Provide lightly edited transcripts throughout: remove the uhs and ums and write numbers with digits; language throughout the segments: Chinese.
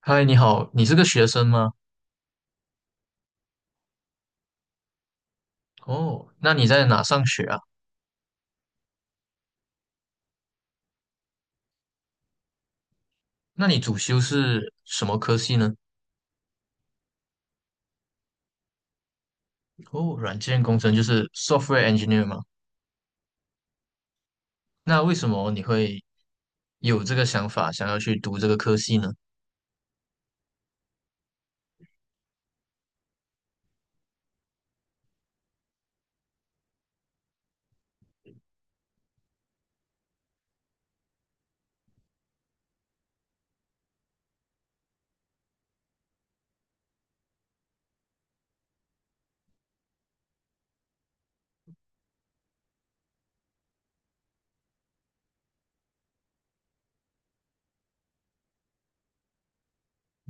嗨，你好，你是个学生吗？哦，那你在哪上学啊？那你主修是什么科系呢？哦，软件工程就是 software engineer 吗？那为什么你会有这个想法，想要去读这个科系呢？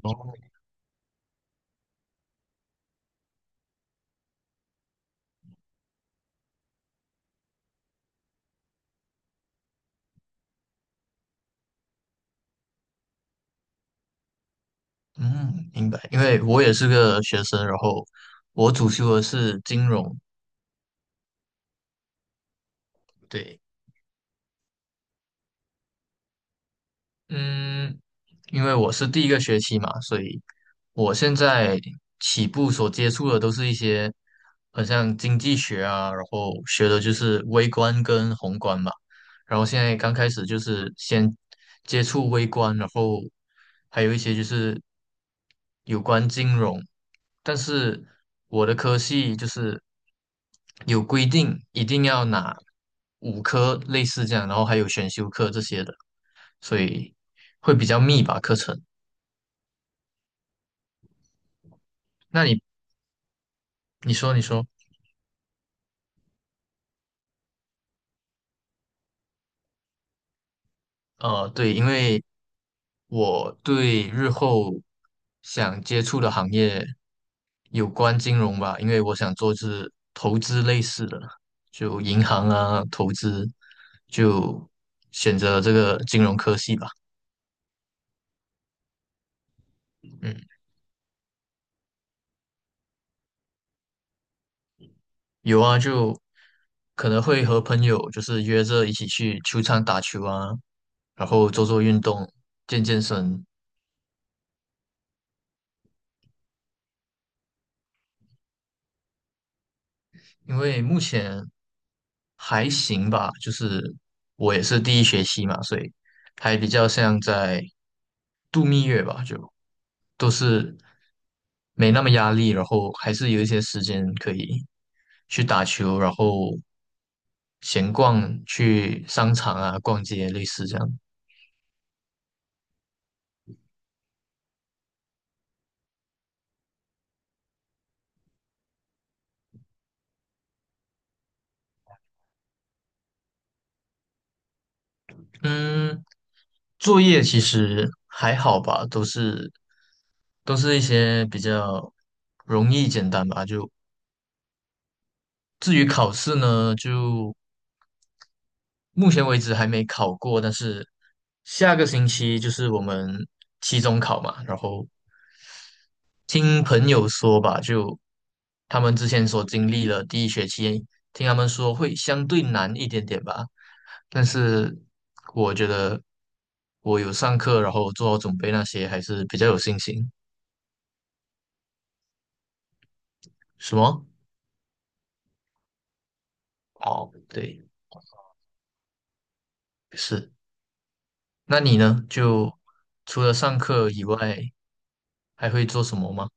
哦，嗯，明白，因为我也是个学生，然后我主修的是金融。对，嗯，因为我是第一个学期嘛，所以我现在起步所接触的都是一些很像经济学啊，然后学的就是微观跟宏观吧。然后现在刚开始就是先接触微观，然后还有一些就是有关金融，但是我的科系就是有规定一定要拿5科类似这样，然后还有选修课这些的，所以会比较密吧课程。那你你说你说。对，因为我对日后想接触的行业有关金融吧，因为我想做是投资类似的，就银行啊，投资，就选择这个金融科系吧。嗯，有啊，就可能会和朋友就是约着一起去球场打球啊，然后做做运动，健健身。因为目前还行吧，就是我也是第一学期嘛，所以还比较像在度蜜月吧，就都是没那么压力，然后还是有一些时间可以去打球，然后闲逛，去商场啊逛街，类似这样。嗯，作业其实还好吧，都是一些比较容易简单吧。就至于考试呢，就目前为止还没考过，但是下个星期就是我们期中考嘛，然后听朋友说吧，就他们之前所经历了第一学期，听他们说会相对难一点点吧，但是我觉得我有上课，然后做好准备那些，还是比较有信心。什么？哦，对，是。那你呢？就除了上课以外，还会做什么吗？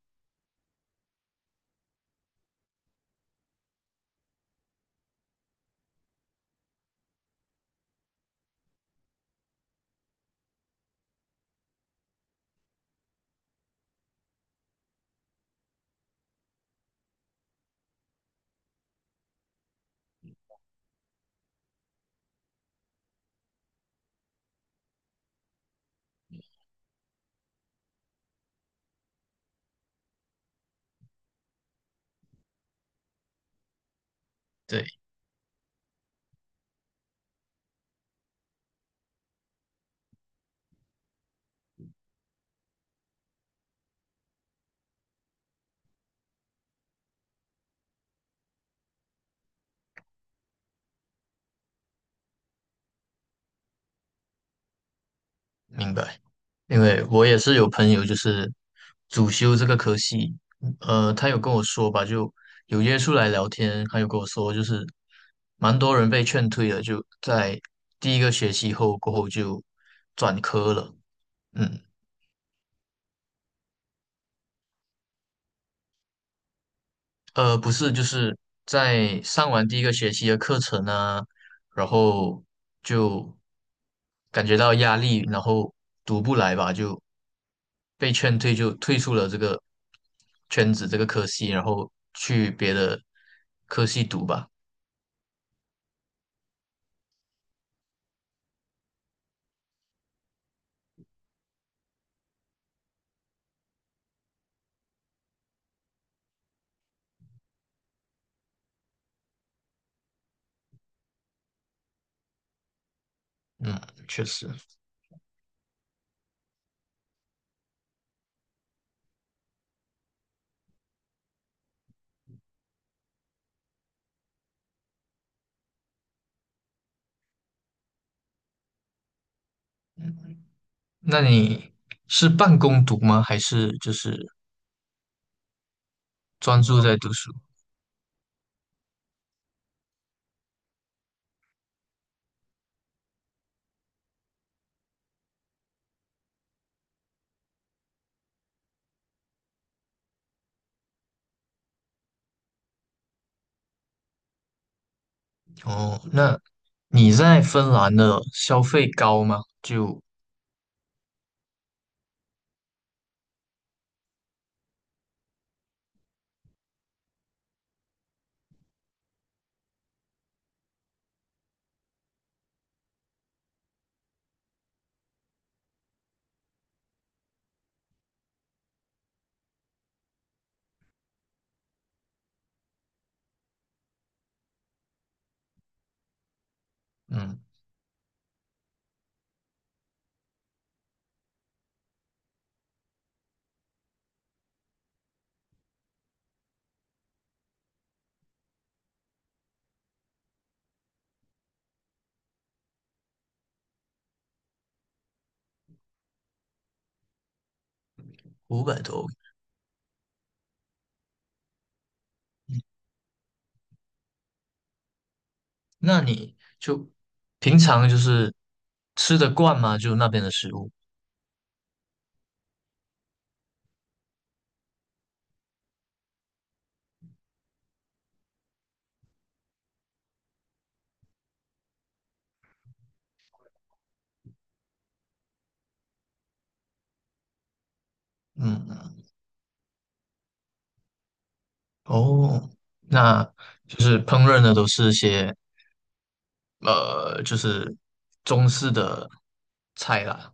对。明白，因为我也是有朋友就是主修这个科系，他有跟我说吧，就有约出来聊天，他有跟我说就是蛮多人被劝退了，就在第一个学期后过后就转科了，嗯。不是，就是在上完第一个学期的课程呢，然后就感觉到压力，然后读不来吧，就被劝退，就退出了这个圈子这个科系，然后去别的科系读吧。嗯，确实。那你是半工读吗？还是就是专注在读书？哦，那你在芬兰的消费高吗？就嗯，500多。那你就平常就是吃得惯吗？就那边的食物？嗯，哦，那就是烹饪的都是一些就是中式的菜啦。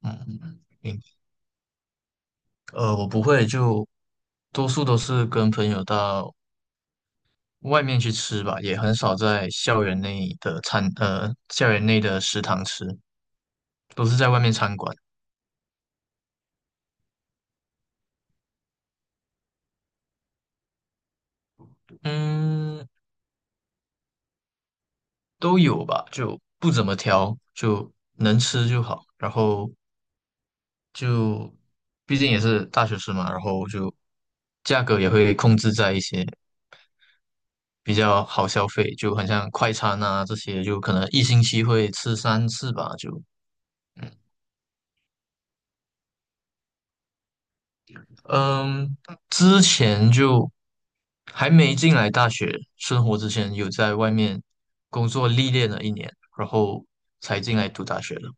嗯，我不会，就多数都是跟朋友到外面去吃吧，也很少在校园内的食堂吃，都是在外面餐馆。嗯，都有吧，就不怎么挑，就能吃就好。然后就毕竟也是大学生嘛，然后就价格也会控制在一些比较好消费，就很像快餐啊这些，就可能1星期会吃3次吧，就嗯嗯，之前就还没进来大学生活之前，有在外面工作历练了1年，然后才进来读大学的。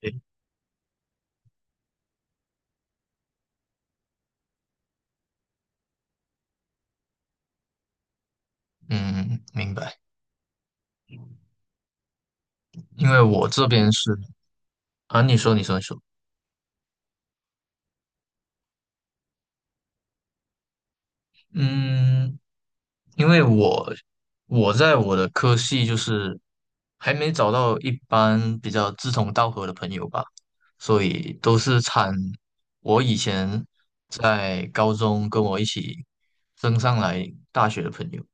对，嗯，明白。因为我这边是啊，你说，你说，你说，嗯，因为我在我的科系就是还没找到一般比较志同道合的朋友吧，所以都是我以前在高中跟我一起升上来大学的朋友，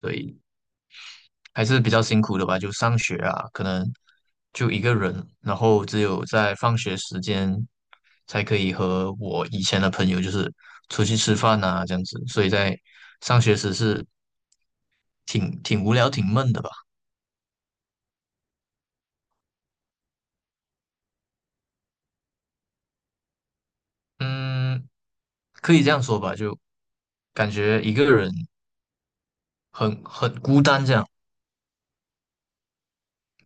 对，还是比较辛苦的吧，就上学啊，可能就一个人，然后只有在放学时间才可以和我以前的朋友就是出去吃饭啊这样子，所以在上学时是挺无聊、挺闷的吧，嗯，可以这样说吧，就感觉一个人很孤单这样。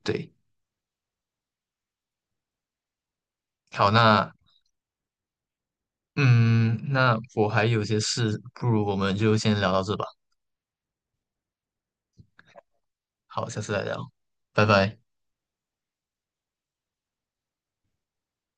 对，好，那我还有些事，不如我们就先聊到这吧，好，下次再聊，拜拜。